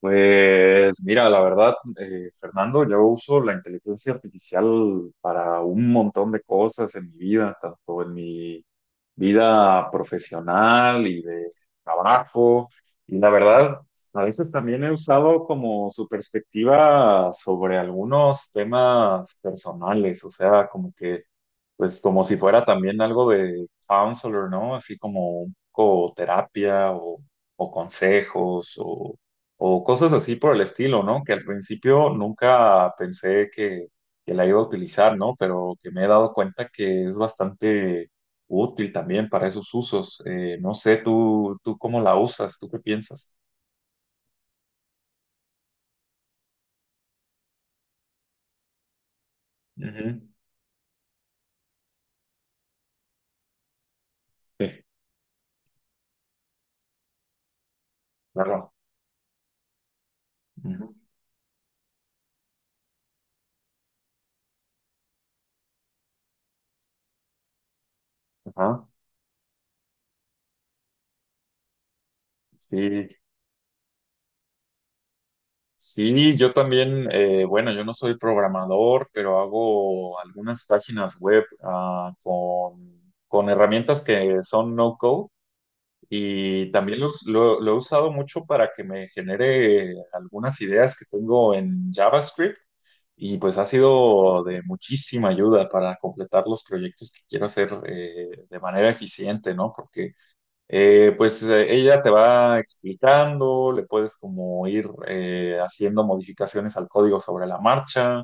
Pues mira, la verdad, Fernando, yo uso la inteligencia artificial para un montón de cosas en mi vida, tanto en mi vida profesional y de trabajo. Y la verdad, a veces también he usado como su perspectiva sobre algunos temas personales, o sea, como que, pues como si fuera también algo de counselor, ¿no? Así como un poco terapia o consejos o cosas así por el estilo, ¿no? Que al principio nunca pensé que la iba a utilizar, ¿no? Pero que me he dado cuenta que es bastante útil también para esos usos. No sé, tú cómo la usas, tú qué piensas. Ujú, sí, claro. Ujú, ajá. Sí, sí, yo también, bueno, yo no soy programador, pero hago algunas páginas web con herramientas que son no-code. Y también lo he usado mucho para que me genere algunas ideas que tengo en JavaScript y pues ha sido de muchísima ayuda para completar los proyectos que quiero hacer de manera eficiente, ¿no? Porque ella te va explicando, le puedes como ir haciendo modificaciones al código sobre la marcha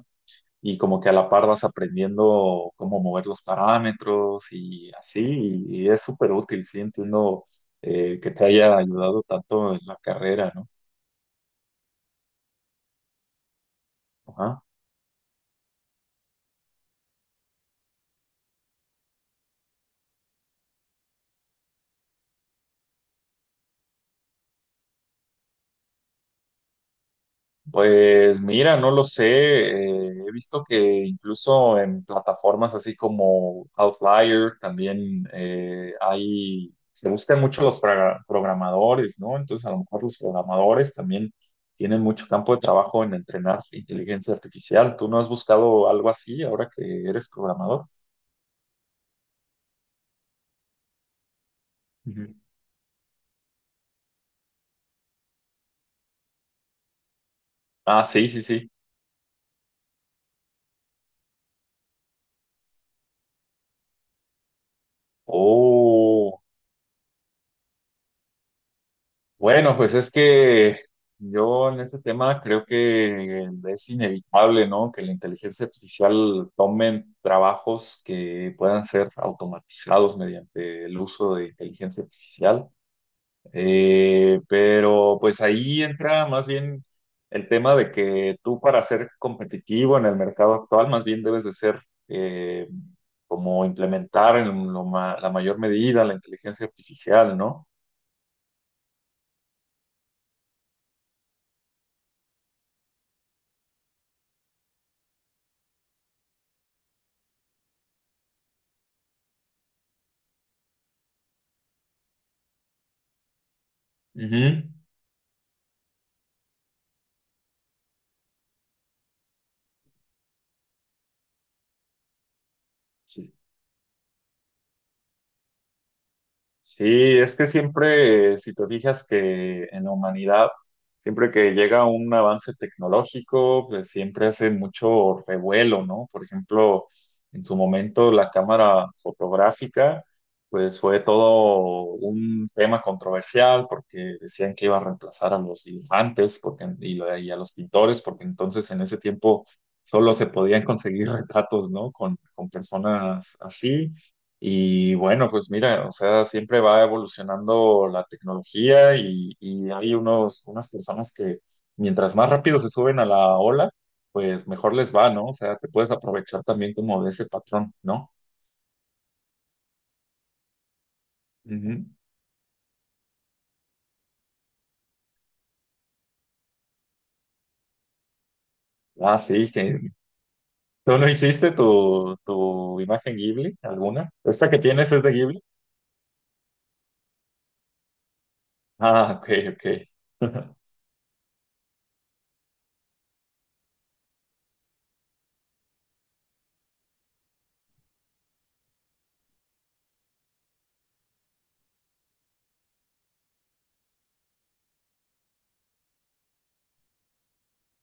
y como que a la par vas aprendiendo cómo mover los parámetros y así, y es súper útil, sí, entiendo que te haya ayudado tanto en la carrera, ¿no? Ajá. Pues mira, no lo sé. He visto que incluso en plataformas así como Outlier también hay, se buscan mucho los programadores, ¿no? Entonces a lo mejor los programadores también tienen mucho campo de trabajo en entrenar inteligencia artificial. ¿Tú no has buscado algo así ahora que eres programador? Ujú. Ah, sí, sí, sí. Oh. Bueno, pues es que yo en este tema creo que es inevitable, ¿no? Que la inteligencia artificial tome trabajos que puedan ser automatizados mediante el uso de inteligencia artificial. Pero pues ahí entra más bien el tema de que tú para ser competitivo en el mercado actual, más bien debes de ser eh, como implementar en la mayor medida la inteligencia artificial, ¿no? Ujú. Sí. Sí, es que siempre, si te fijas que en la humanidad, siempre que llega un avance tecnológico, pues siempre hace mucho revuelo, ¿no? Por ejemplo, en su momento la cámara fotográfica, pues fue todo un tema controversial porque decían que iba a reemplazar a los dibujantes porque, y a los pintores, porque entonces en ese tiempo solo se podían conseguir retratos, ¿no? Con personas así. Y bueno, pues mira, o sea, siempre va evolucionando la tecnología y hay unas personas que mientras más rápido se suben a la ola, pues mejor les va, ¿no? O sea, te puedes aprovechar también como de ese patrón, no. Ujú. Ah, sí, que tú no hiciste tu imagen Ghibli, alguna. ¿Esta que tienes es de Ghibli? Ah, ok, ok.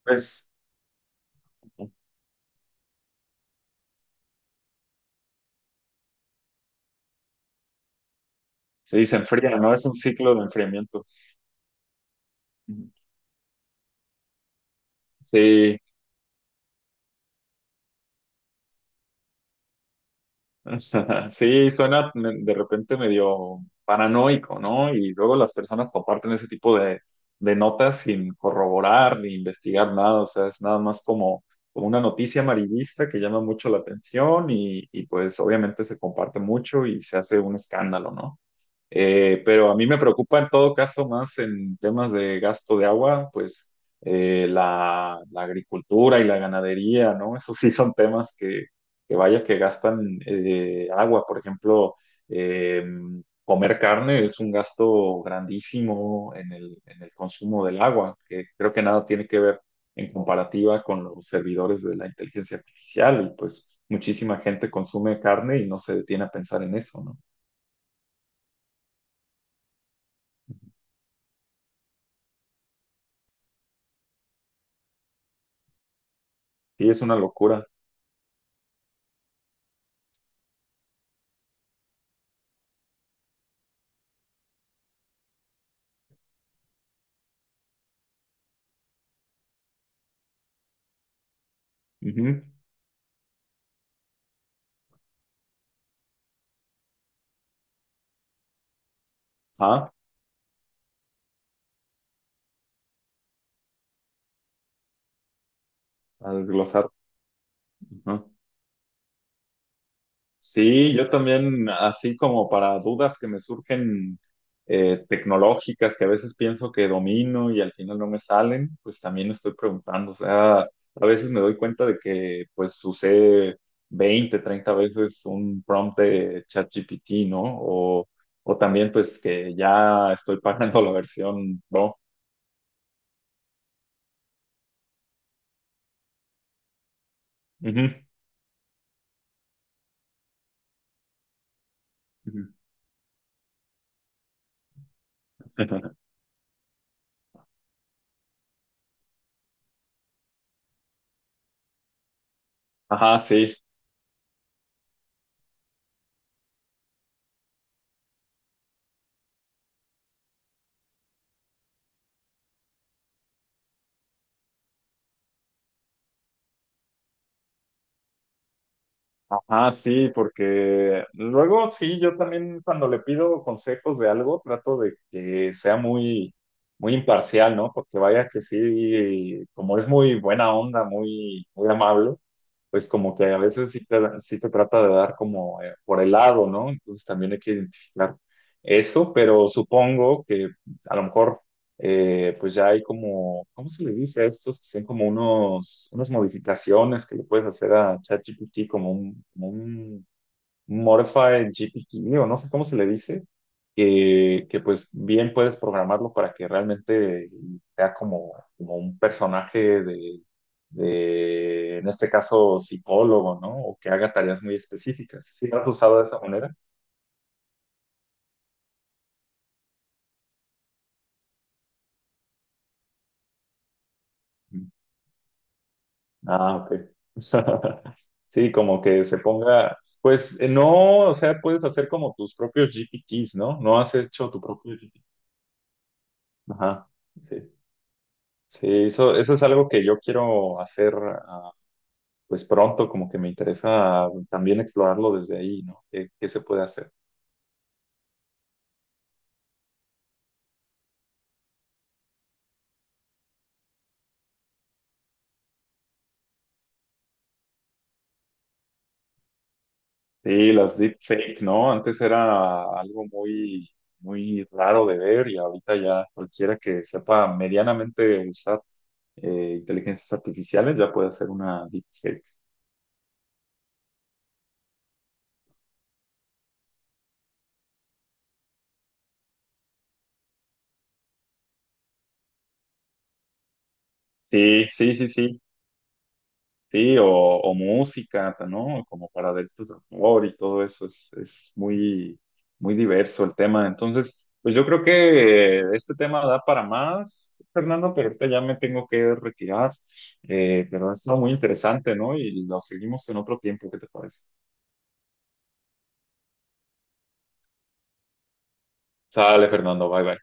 Pues sí, se enfría, ¿no? Es un ciclo de enfriamiento. Sí, o sea, sí, suena de repente medio paranoico, ¿no? Y luego las personas comparten ese tipo de notas sin corroborar ni investigar nada, o sea, es nada más como, como una noticia amarillista que llama mucho la atención y pues obviamente se comparte mucho y se hace un escándalo, ¿no? Pero a mí me preocupa en todo caso más en temas de gasto de agua, pues la agricultura y la ganadería, ¿no? Esos sí son temas que vaya que gastan agua. Por ejemplo, eh, comer carne es un gasto grandísimo en en el consumo del agua, que creo que nada tiene que ver en comparativa con los servidores de la inteligencia artificial. Y pues muchísima gente consume carne y no se detiene a pensar en eso, ¿no? Y es una locura. Ujú. Ah, al glosar. Ujú. Sí, yo también, así como para dudas que me surgen tecnológicas que a veces pienso que domino y al final no me salen, pues también estoy preguntando. O sea, a veces me doy cuenta de que pues usé 20, 30 veces un prompt de ChatGPT, ¿no? O también pues que ya estoy pagando la versión Pro. Ujú. Ujú. Ajá, sí, ajá, sí, porque luego sí, yo también cuando le pido consejos de algo, trato de que sea muy, muy imparcial, ¿no? Porque vaya que sí, como es muy buena onda, muy, muy amable, pues como que a veces sí te trata de dar como por el lado, ¿no? Entonces también hay que identificar eso, pero supongo que a lo mejor pues ya hay como, ¿cómo se le dice a estos? Que son como unas modificaciones que le puedes hacer a ChatGPT, como como un Modified GPT, o no sé cómo se le dice, que pues bien puedes programarlo para que realmente sea como, como un personaje de, en este caso, psicólogo, ¿no? O que haga tareas muy específicas. ¿Sí lo has usado de esa manera? Ah, ok. Sí, como que se ponga, pues no, o sea, puedes hacer como tus propios GPTs, ¿no? No has hecho tu propio GPT. Ajá, sí. Sí, eso es algo que yo quiero hacer, pues pronto, como que me interesa también explorarlo desde ahí, ¿no? ¿Qué, qué se puede hacer? Sí, las deepfake, ¿no? Antes era algo muy, muy raro de ver y ahorita ya cualquiera que sepa medianamente usar inteligencias artificiales, ya puede hacer una deepfake. Sí, sí, sí, sí. Sí, o música, ¿no? Como para delitos de amor y todo eso. Es muy, muy diverso el tema. Entonces, pues yo creo que este tema da para más, Fernando, pero ahorita ya me tengo que retirar. Pero ha estado muy interesante, ¿no? Y lo seguimos en otro tiempo, ¿qué te parece? Sale, Fernando, bye bye.